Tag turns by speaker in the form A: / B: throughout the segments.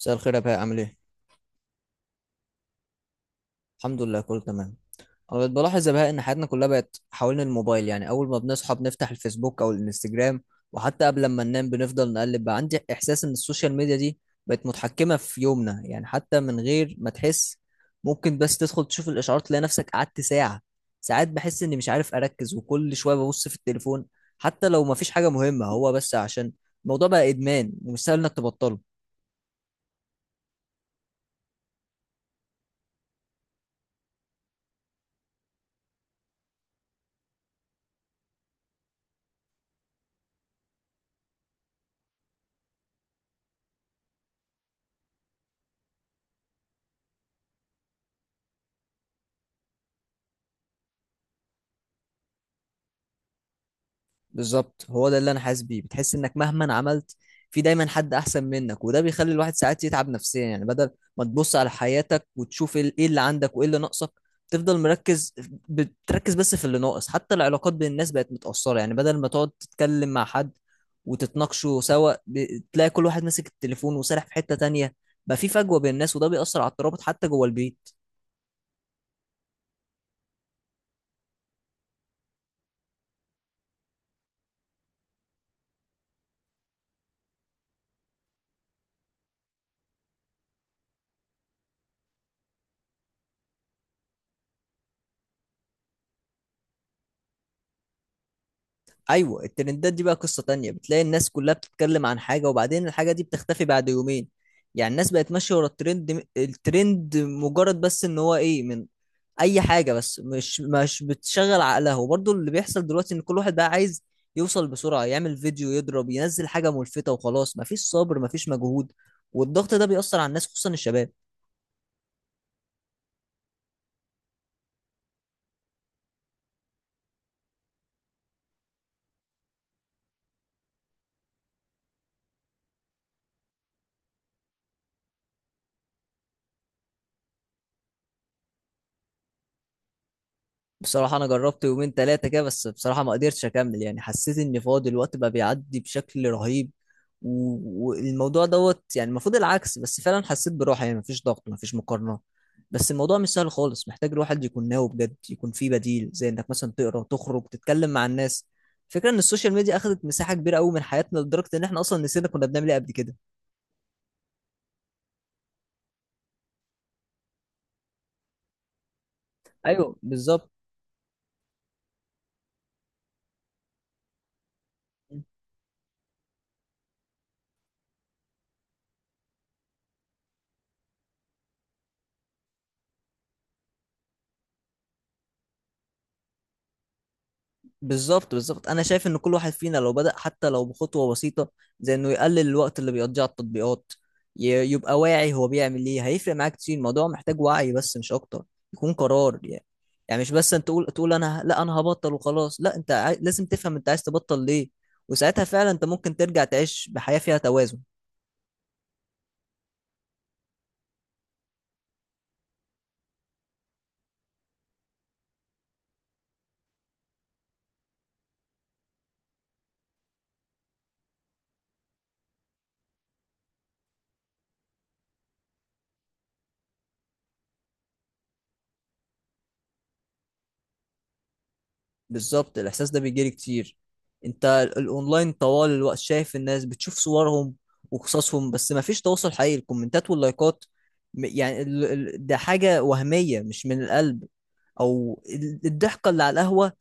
A: مساء الخير يا بهاء، عامل ايه؟ الحمد لله كله تمام. انا بقيت بلاحظ يا بهاء ان حياتنا كلها بقت حوالين الموبايل. يعني اول ما بنصحى بنفتح الفيسبوك او الانستجرام، وحتى قبل ما ننام بنفضل نقلب. بقى عندي احساس ان السوشيال ميديا دي بقت متحكمة في يومنا، يعني حتى من غير ما تحس ممكن بس تدخل تشوف الاشعارات تلاقي نفسك قعدت ساعة. ساعات بحس اني مش عارف اركز، وكل شوية ببص في التليفون حتى لو ما فيش حاجة مهمة، هو بس عشان الموضوع بقى ادمان ومش سهل انك تبطله. بالظبط، هو ده اللي انا حاسس بيه. بتحس انك مهما عملت في دايما حد احسن منك، وده بيخلي الواحد ساعات يتعب نفسيا. يعني بدل ما تبص على حياتك وتشوف ايه اللي عندك وايه اللي ناقصك، تفضل مركز، بتركز بس في اللي ناقص. حتى العلاقات بين الناس بقت متأثرة، يعني بدل ما تقعد تتكلم مع حد وتتناقشوا سوا، تلاقي كل واحد ماسك التليفون وسارح في حتة تانية. بقى في فجوة بين الناس، وده بيأثر على الترابط حتى جوه البيت. ايوه، الترندات دي بقى قصة تانية. بتلاقي الناس كلها بتتكلم عن حاجة، وبعدين الحاجة دي بتختفي بعد يومين. يعني الناس بقت ماشية ورا الترند، الترند مجرد بس ان هو ايه من اي حاجة، بس مش بتشغل عقلها. وبرضه اللي بيحصل دلوقتي ان كل واحد بقى عايز يوصل بسرعة، يعمل فيديو يضرب، ينزل حاجة ملفتة وخلاص. مفيش صبر، مفيش مجهود، والضغط ده بيأثر على الناس خصوصا الشباب. بصراحة أنا جربت يومين تلاتة كده، بس بصراحة ما قدرتش أكمل. يعني حسيت إن فاضي، الوقت بقى بيعدي بشكل رهيب. والموضوع دوت، يعني المفروض العكس، بس فعلا حسيت براحة. يعني مفيش ضغط، مفيش مقارنة. بس الموضوع مش سهل خالص، محتاج الواحد يكون ناوي بجد، يكون فيه بديل زي إنك مثلا تقرأ، تخرج، تتكلم مع الناس. فكرة إن السوشيال ميديا أخدت مساحة كبيرة أوي من حياتنا لدرجة إن إحنا أصلا نسينا كنا بنعمل إيه قبل كده. أيوه بالظبط. بالظبط بالظبط، انا شايف ان كل واحد فينا لو بدأ حتى لو بخطوة بسيطة، زي انه يقلل الوقت اللي بيقضيه على التطبيقات، يبقى واعي هو بيعمل ايه، هيفرق معاك كتير. الموضوع محتاج وعي بس مش اكتر، يكون قرار يعني. يعني مش بس انت تقول انا لا انا هبطل وخلاص، لا انت لازم تفهم انت عايز تبطل ليه، وساعتها فعلا انت ممكن ترجع تعيش بحياة فيها توازن. بالظبط، الاحساس ده بيجيلي كتير. انت الاونلاين طوال الوقت، شايف الناس، بتشوف صورهم وقصصهم، بس ما فيش تواصل حقيقي. الكومنتات واللايكات، يعني ده حاجة وهمية مش من القلب. او الضحكة اللي على القهوة،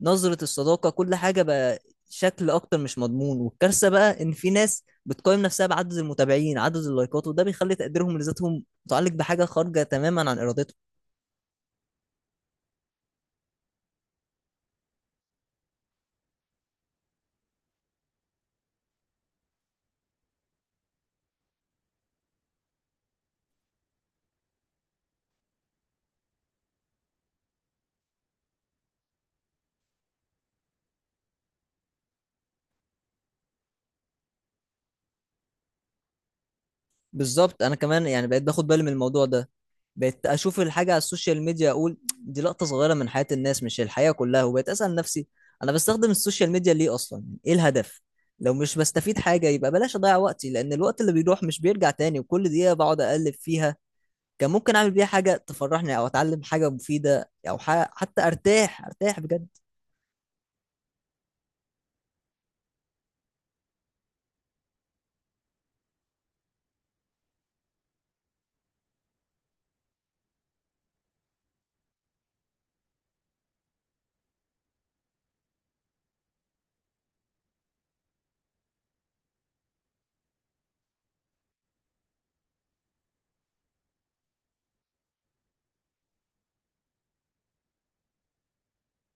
A: نظرة الصداقة، كل حاجة بقى شكل أكتر مش مضمون. والكارثة بقى إن في ناس بتقيم نفسها بعدد المتابعين، عدد اللايكات، وده بيخلي تقديرهم لذاتهم متعلق بحاجة خارجة تماما عن إرادتهم. بالظبط، انا كمان يعني بقيت باخد بالي من الموضوع ده. بقيت اشوف الحاجه على السوشيال ميديا، اقول دي لقطه صغيره من حياه الناس مش الحياه كلها. وبقيت اسال نفسي انا بستخدم السوشيال ميديا ليه اصلا، ايه الهدف؟ لو مش بستفيد حاجه يبقى بلاش اضيع وقتي، لان الوقت اللي بيروح مش بيرجع تاني. وكل دقيقه بقعد اقلب فيها كان ممكن اعمل بيها حاجه تفرحني، او اتعلم حاجه مفيده، او حتى ارتاح، ارتاح بجد.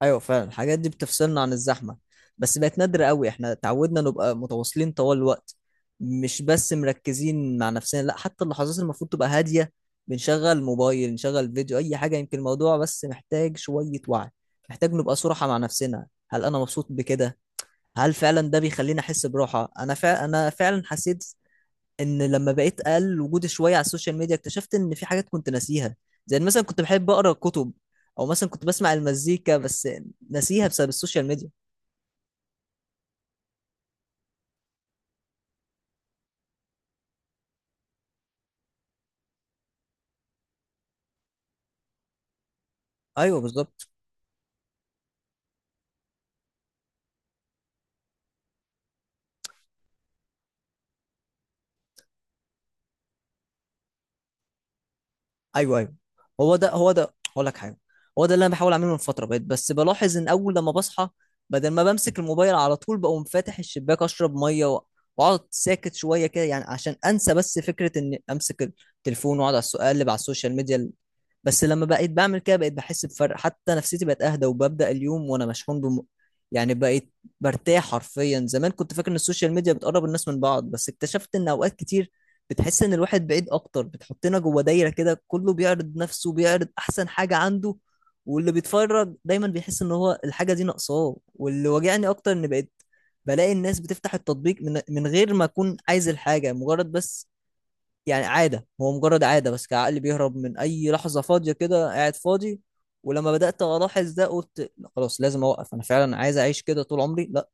A: ايوه فعلا، الحاجات دي بتفصلنا عن الزحمه، بس بقت نادره قوي. احنا اتعودنا نبقى متواصلين طوال الوقت، مش بس مركزين مع نفسنا. لا حتى اللحظات اللي المفروض تبقى هاديه بنشغل موبايل، نشغل فيديو، اي حاجه. يمكن الموضوع بس محتاج شويه وعي، محتاج نبقى صراحه مع نفسنا. هل انا مبسوط بكده؟ هل فعلا ده بيخليني احس براحه؟ انا انا فعلا حسيت ان لما بقيت اقل وجودي شويه على السوشيال ميديا اكتشفت ان في حاجات كنت ناسيها. زي إن مثلا كنت بحب اقرا كتب، او مثلا كنت بسمع المزيكا، بس ناسيها بسبب السوشيال ميديا. ايوه بالظبط. ايوه، ايوه. هو ده هقول لك حاجه، هو ده اللي انا بحاول اعمله من فتره. بقيت بس بلاحظ ان اول لما بصحى، بدل ما بمسك الموبايل على طول، بقوم فاتح الشباك، اشرب ميه، واقعد ساكت شويه كده، يعني عشان انسى بس فكره اني امسك التليفون واقعد على اقلب على السوشيال ميديا. بس لما بقيت بعمل كده بقيت بحس بفرق، حتى نفسيتي بقت اهدى، وببدا اليوم وانا مشحون يعني بقيت برتاح حرفيا. زمان كنت فاكر ان السوشيال ميديا بتقرب الناس من بعض، بس اكتشفت ان اوقات كتير بتحس ان الواحد بعيد اكتر. بتحطنا جوه دايره كده، كله بيعرض نفسه، بيعرض احسن حاجه عنده، واللي بيتفرج دايما بيحس ان هو الحاجه دي ناقصاه. واللي واجعني اكتر ان بقيت بلاقي الناس بتفتح التطبيق من غير ما اكون عايز الحاجه، مجرد بس، يعني عاده، هو مجرد عاده بس، كعقل بيهرب من اي لحظه فاضيه. كده قاعد فاضي، ولما بدات الاحظ ده قلت لا خلاص، لازم اوقف. انا فعلا عايز اعيش كده طول عمري؟ لا.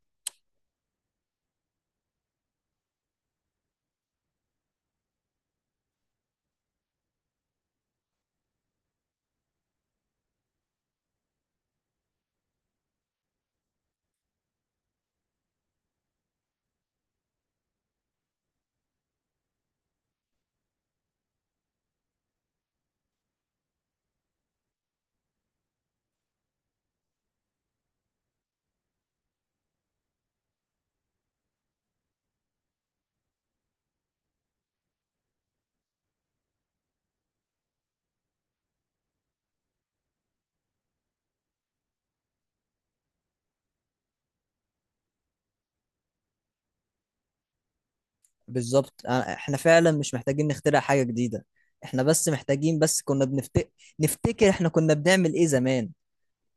A: بالظبط. احنا فعلا مش محتاجين نخترع حاجة جديدة، احنا بس محتاجين نفتكر احنا كنا بنعمل ايه زمان.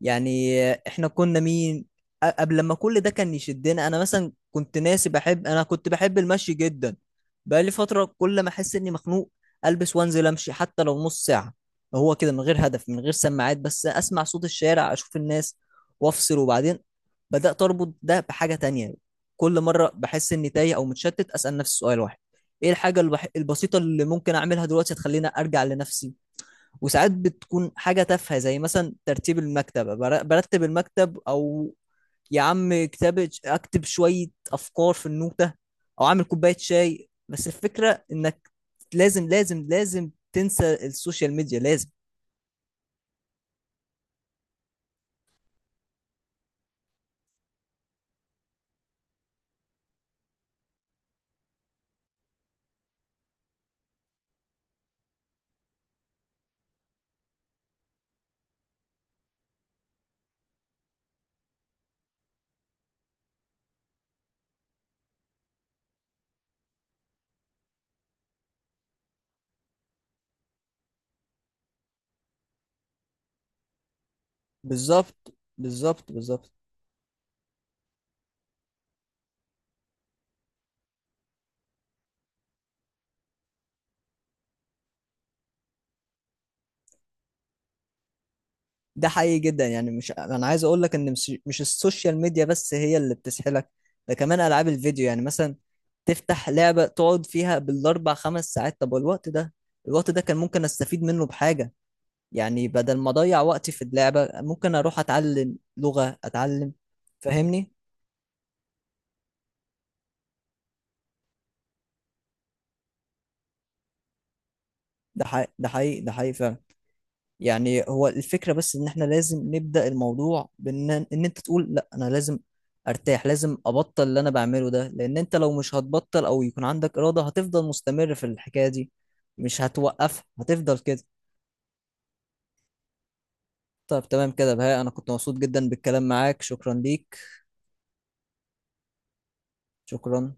A: يعني احنا كنا مين قبل لما كل ده كان يشدنا؟ انا مثلا كنت ناسي بحب، انا كنت بحب المشي جدا. بقى لي فتره كل ما احس اني مخنوق البس وانزل امشي حتى لو نص ساعه، هو كده من غير هدف، من غير سماعات، بس اسمع صوت الشارع، اشوف الناس، وافصل. وبعدين بدات اربط ده بحاجه تانية، كل مره بحس اني تايه او متشتت اسال نفسي سؤال واحد: ايه الحاجه البسيطه اللي ممكن اعملها دلوقتي تخليني ارجع لنفسي؟ وساعات بتكون حاجة تافهة، زي مثلا ترتيب المكتبة، برتب المكتب، أو يا عم كتاب، أكتب شوية أفكار في النوتة، أو أعمل كوباية شاي. بس الفكرة إنك لازم تنسى السوشيال ميديا، لازم. بالظبط بالظبط بالظبط. ده حقيقي جدا. يعني مش، انا عايز اقول لك ان مش السوشيال ميديا بس هي اللي بتسحلك، ده كمان العاب الفيديو. يعني مثلا تفتح لعبة تقعد فيها بالاربع خمس ساعات، طب الوقت ده كان ممكن استفيد منه بحاجة. يعني بدل ما اضيع وقتي في اللعبة ممكن اروح اتعلم لغة، اتعلم. فاهمني؟ ده حقيقي فعلا. يعني هو الفكرة بس ان احنا لازم نبدأ الموضوع بان ان انت تقول لا انا لازم ارتاح، لازم ابطل اللي انا بعمله ده. لان انت لو مش هتبطل او يكون عندك إرادة هتفضل مستمر في الحكاية دي، مش هتوقفها، هتفضل كده. طب تمام كده بهاء، انا كنت مبسوط جدا بالكلام معاك، شكرا ليك. شكرا.